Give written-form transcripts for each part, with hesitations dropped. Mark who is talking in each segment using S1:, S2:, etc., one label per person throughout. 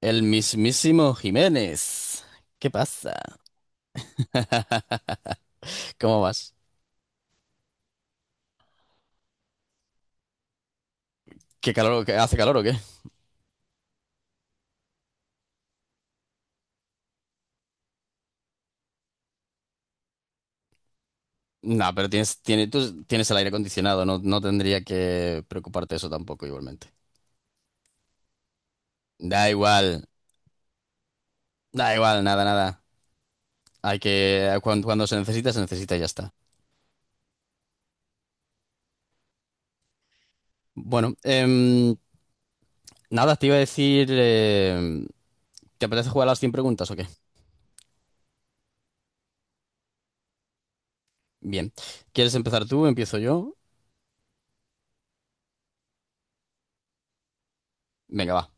S1: El mismísimo Jiménez. ¿Qué pasa? ¿Cómo vas? ¿Qué calor, hace calor o qué? No, pero tú tienes el aire acondicionado, no, no tendría que preocuparte eso tampoco igualmente. Da igual, da igual, nada, nada. Hay que, cuando, se necesita y ya está. Bueno, nada, te iba a decir, ¿te apetece jugar a las 100 preguntas o qué? Bien. ¿Quieres empezar tú? ¿Empiezo yo? Venga, va.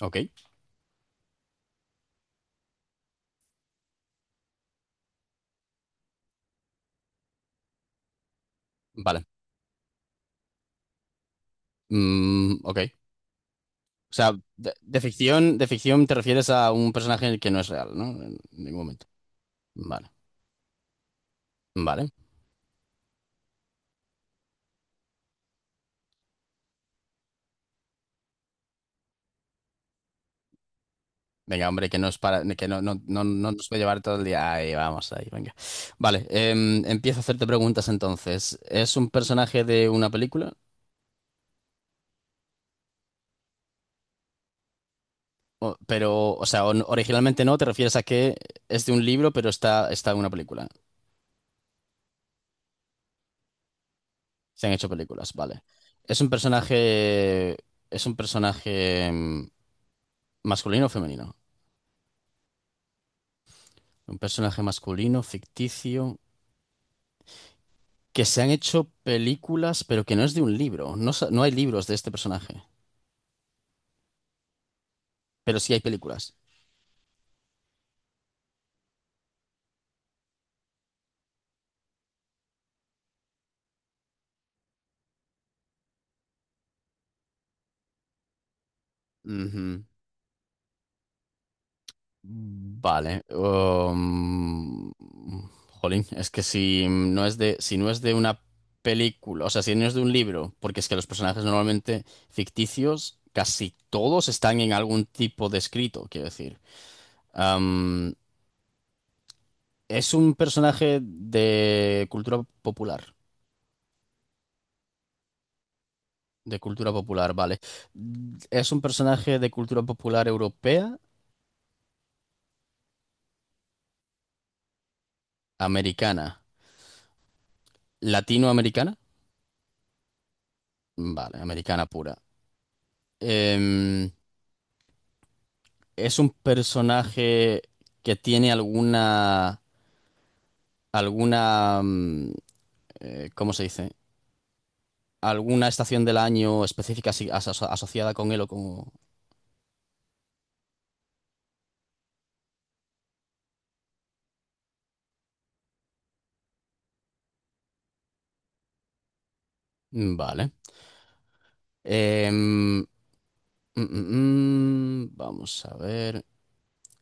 S1: Ok, vale. Ok. O sea, de ficción te refieres a un personaje que no es real, ¿no? En ningún momento. Vale, vale. Venga, hombre, que no es para, que no, no, no, no nos va a llevar todo el día. Ahí vamos, ahí, venga. Vale, empiezo a hacerte preguntas entonces. ¿Es un personaje de una película? O- pero, o sea, originalmente no, te refieres a que es de un libro, pero está en una película. Se han hecho películas, vale. ¿Es un personaje, ¿es un personaje masculino o femenino? Un personaje masculino, ficticio. Que se han hecho películas, pero que no es de un libro. No, no hay libros de este personaje, pero sí hay películas. Ujú. Vale. Jolín, es que si no es de una película, o sea, si no es de un libro, porque es que los personajes normalmente ficticios, casi todos están en algún tipo de escrito, quiero decir. Am, es un personaje de cultura popular. De cultura popular, vale. ¿Es un personaje de cultura popular europea, americana, latinoamericana? Vale, americana pura. Em, ¿Es un personaje que tiene alguna, alguna, mm, ¿cómo se dice? ¿Alguna estación del año específica asociada con él o con... Vale. Em, vamos a ver.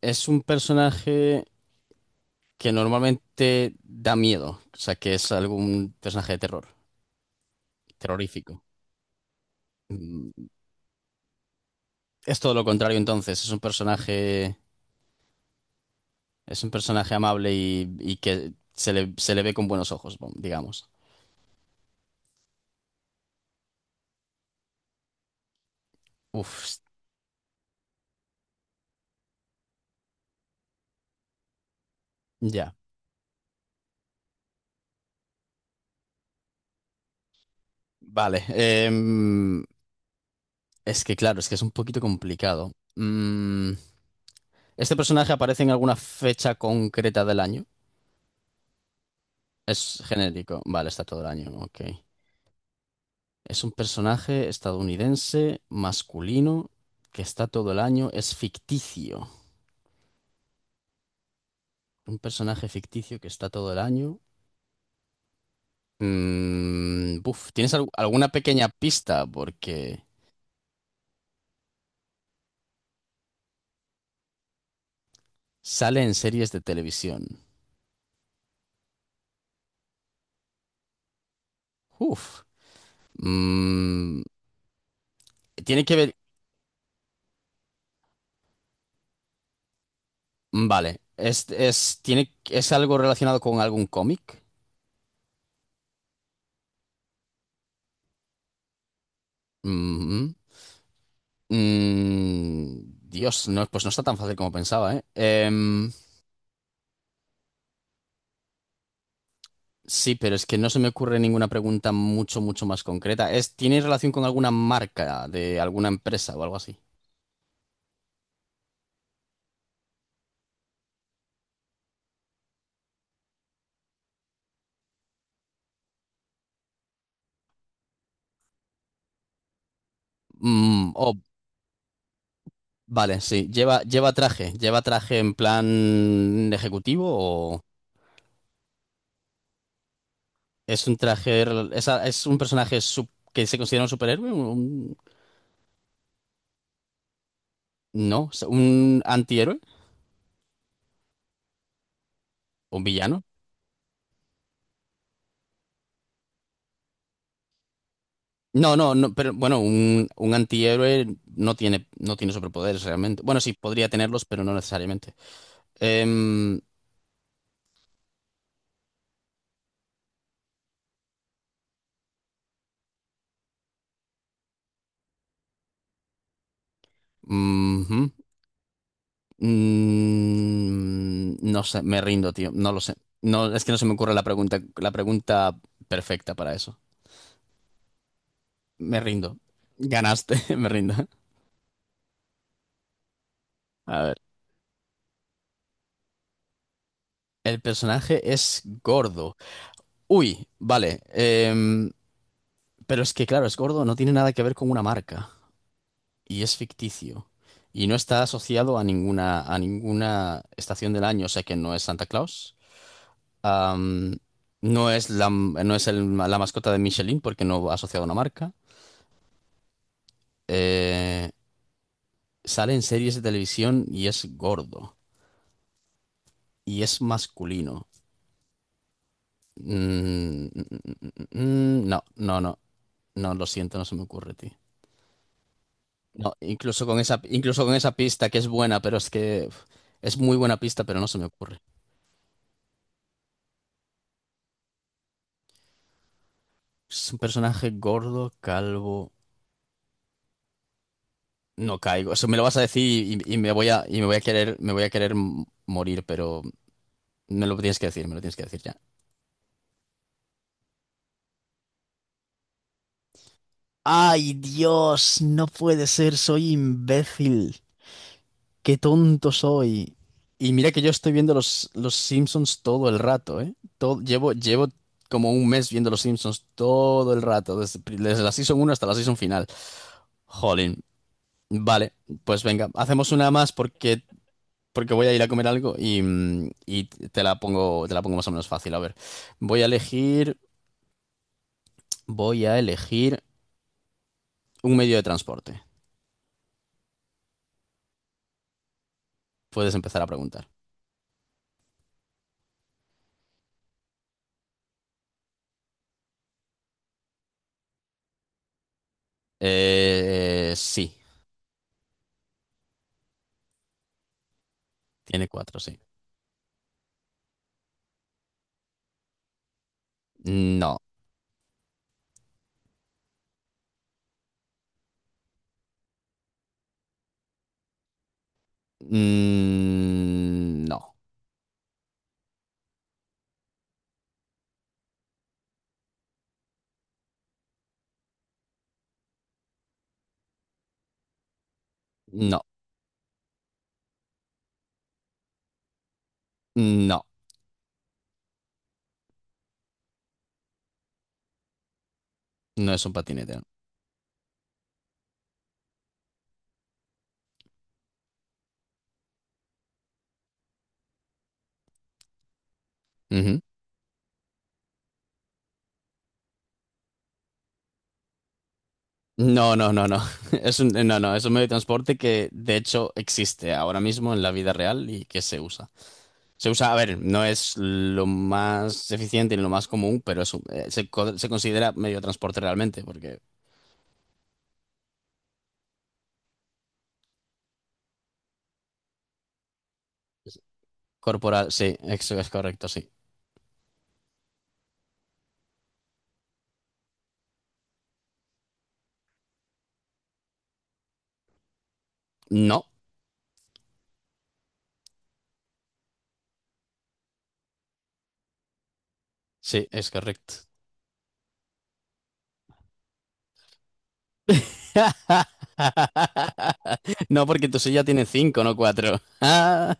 S1: ¿Es un personaje... que normalmente da miedo, o sea, que es algún personaje de terror, terrorífico. Mm, Es todo lo contrario entonces, es un personaje amable y, que se le ve con buenos ojos, bom, digamos. Uf, ya, vale. Es que claro, es que es un poquito complicado. ¿Este personaje aparece en alguna fecha concreta del año? Es genérico, vale, está todo el año, ok. Es un personaje estadounidense, masculino, que está todo el año, es ficticio. Un personaje ficticio que está todo el año. Buf, ¿tienes alguna pequeña pista? Porque sale en series de televisión. Uf. Mm, tiene que ver. Vale. Es algo relacionado con algún cómic. Mm, mm. Mm, Dios, no, pues no está tan fácil como pensaba, ¿eh? Sí, pero es que no se me ocurre ninguna pregunta mucho, mucho más concreta. Es, ¿tiene relación con alguna marca de alguna empresa o algo así? Oh, vale, sí. Lleva, lleva traje. ¿Lleva traje en plan ejecutivo o es un traje, es un personaje que se considera un superhéroe? ¿Un, no, un antihéroe, un villano? No, no, no, pero bueno, un antihéroe no tiene, no tiene superpoderes realmente. Bueno, sí, podría tenerlos, pero no necesariamente. Eh, no sé, me rindo, tío. No lo sé. No, es que no se me ocurre la pregunta perfecta para eso. Me rindo. Ganaste, me rindo. A ver. El personaje es gordo. Uy, vale. em, pero es que, claro, es gordo, no tiene nada que ver con una marca. Y es ficticio. Y no está asociado a ninguna estación del año, o sea que no es Santa Claus. Am, no es la, no es la mascota de Michelin porque no va asociado a una marca. eh, Sale en series de televisión y es gordo y es masculino. No, no, no, no, lo siento, no se me ocurre, tío. No, incluso con esa pista que es buena, pero es que uf, es muy buena pista, pero no se me ocurre. Es un personaje gordo, calvo. No caigo. Eso me lo vas a decir y, y me voy a querer, me voy a querer morir, pero me lo tienes que decir, me lo tienes que decir ya. Ay, Dios, no puede ser, soy imbécil. Qué tonto soy. Y mira que yo estoy viendo los Simpsons todo el rato, ¿eh? Todo, llevo, llevo como un mes viendo los Simpsons todo el rato, desde, desde la season uno hasta la season final. Jolín. Vale, pues venga, hacemos una más porque, porque voy a ir a comer algo y, y te la pongo más o menos fácil. A ver, voy a elegir, voy a elegir un medio de transporte. Puedes empezar a preguntar. Sí, tiene cuatro, sí. No, no, no, no, no es un patinete. Ujú. No, no, no, no. Es un, no, no, es un medio de transporte que de hecho existe ahora mismo en la vida real y que se usa. Se usa, a ver, no es lo más eficiente ni lo más común, pero es se considera medio de transporte realmente, porque es corporal, sí, eso es correcto, sí. No, sí, es correcto. No, porque tu silla tiene cinco, no cuatro.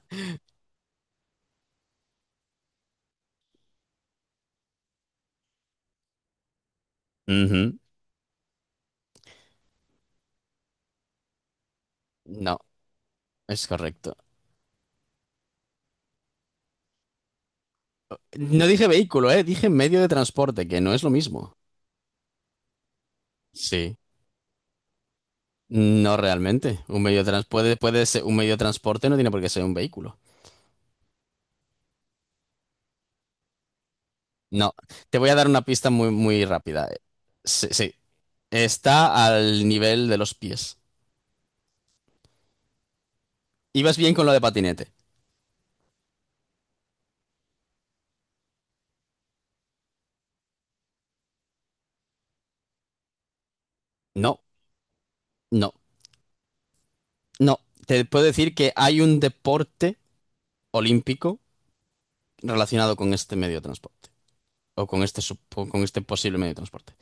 S1: Ujú. No, es correcto. No dije vehículo, dije medio de transporte, que no es lo mismo. Sí. No realmente. Un medio de puede ser un medio de transporte, no tiene por qué ser un vehículo. No. Te voy a dar una pista muy, muy rápida. Sí, sí. Está al nivel de los pies. Ibas bien con lo de patinete. No, no, no. Te puedo decir que hay un deporte olímpico relacionado con este medio de transporte. O con o con este posible medio de transporte.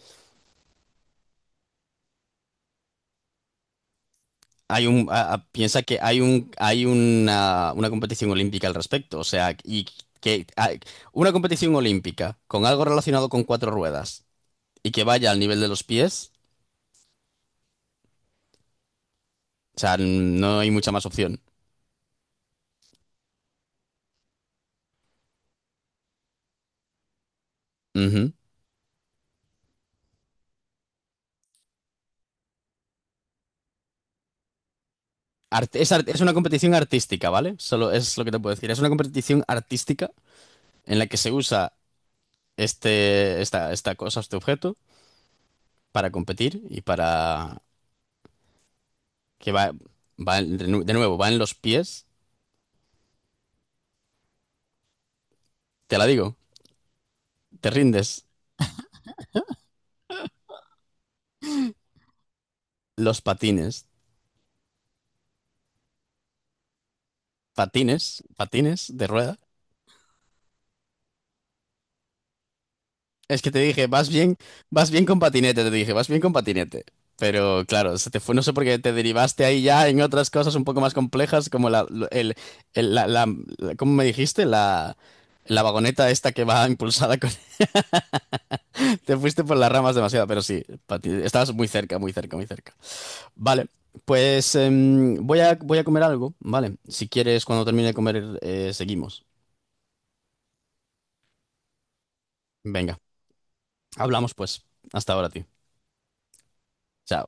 S1: Hay un, piensa que hay hay una competición olímpica al respecto, o sea, y que hay una competición olímpica con algo relacionado con cuatro ruedas y que vaya al nivel de los pies, o sea, no hay mucha más opción. Ujú. Es una competición artística, ¿vale? Solo es lo que te puedo decir. Es una competición artística en la que se usa esta cosa, este objeto, para competir y para que va, de nuevo, va en los pies. Te la digo, te rindes. Los patines. Patines, patines de rueda. Es que te dije, vas bien con patinete, te dije, vas bien con patinete. Pero claro, se te fue, no sé por qué te derivaste ahí ya en otras cosas un poco más complejas, como la, lo- el- la- la- ¿cómo me dijiste? La vagoneta esta que va impulsada con... Te fuiste por las ramas demasiado, pero sí, estabas muy cerca, muy cerca, muy cerca. Vale, pues voy a, voy a comer algo, ¿vale? Si quieres, cuando termine de comer, seguimos. Venga, hablamos pues. Hasta ahora, tío. Chao.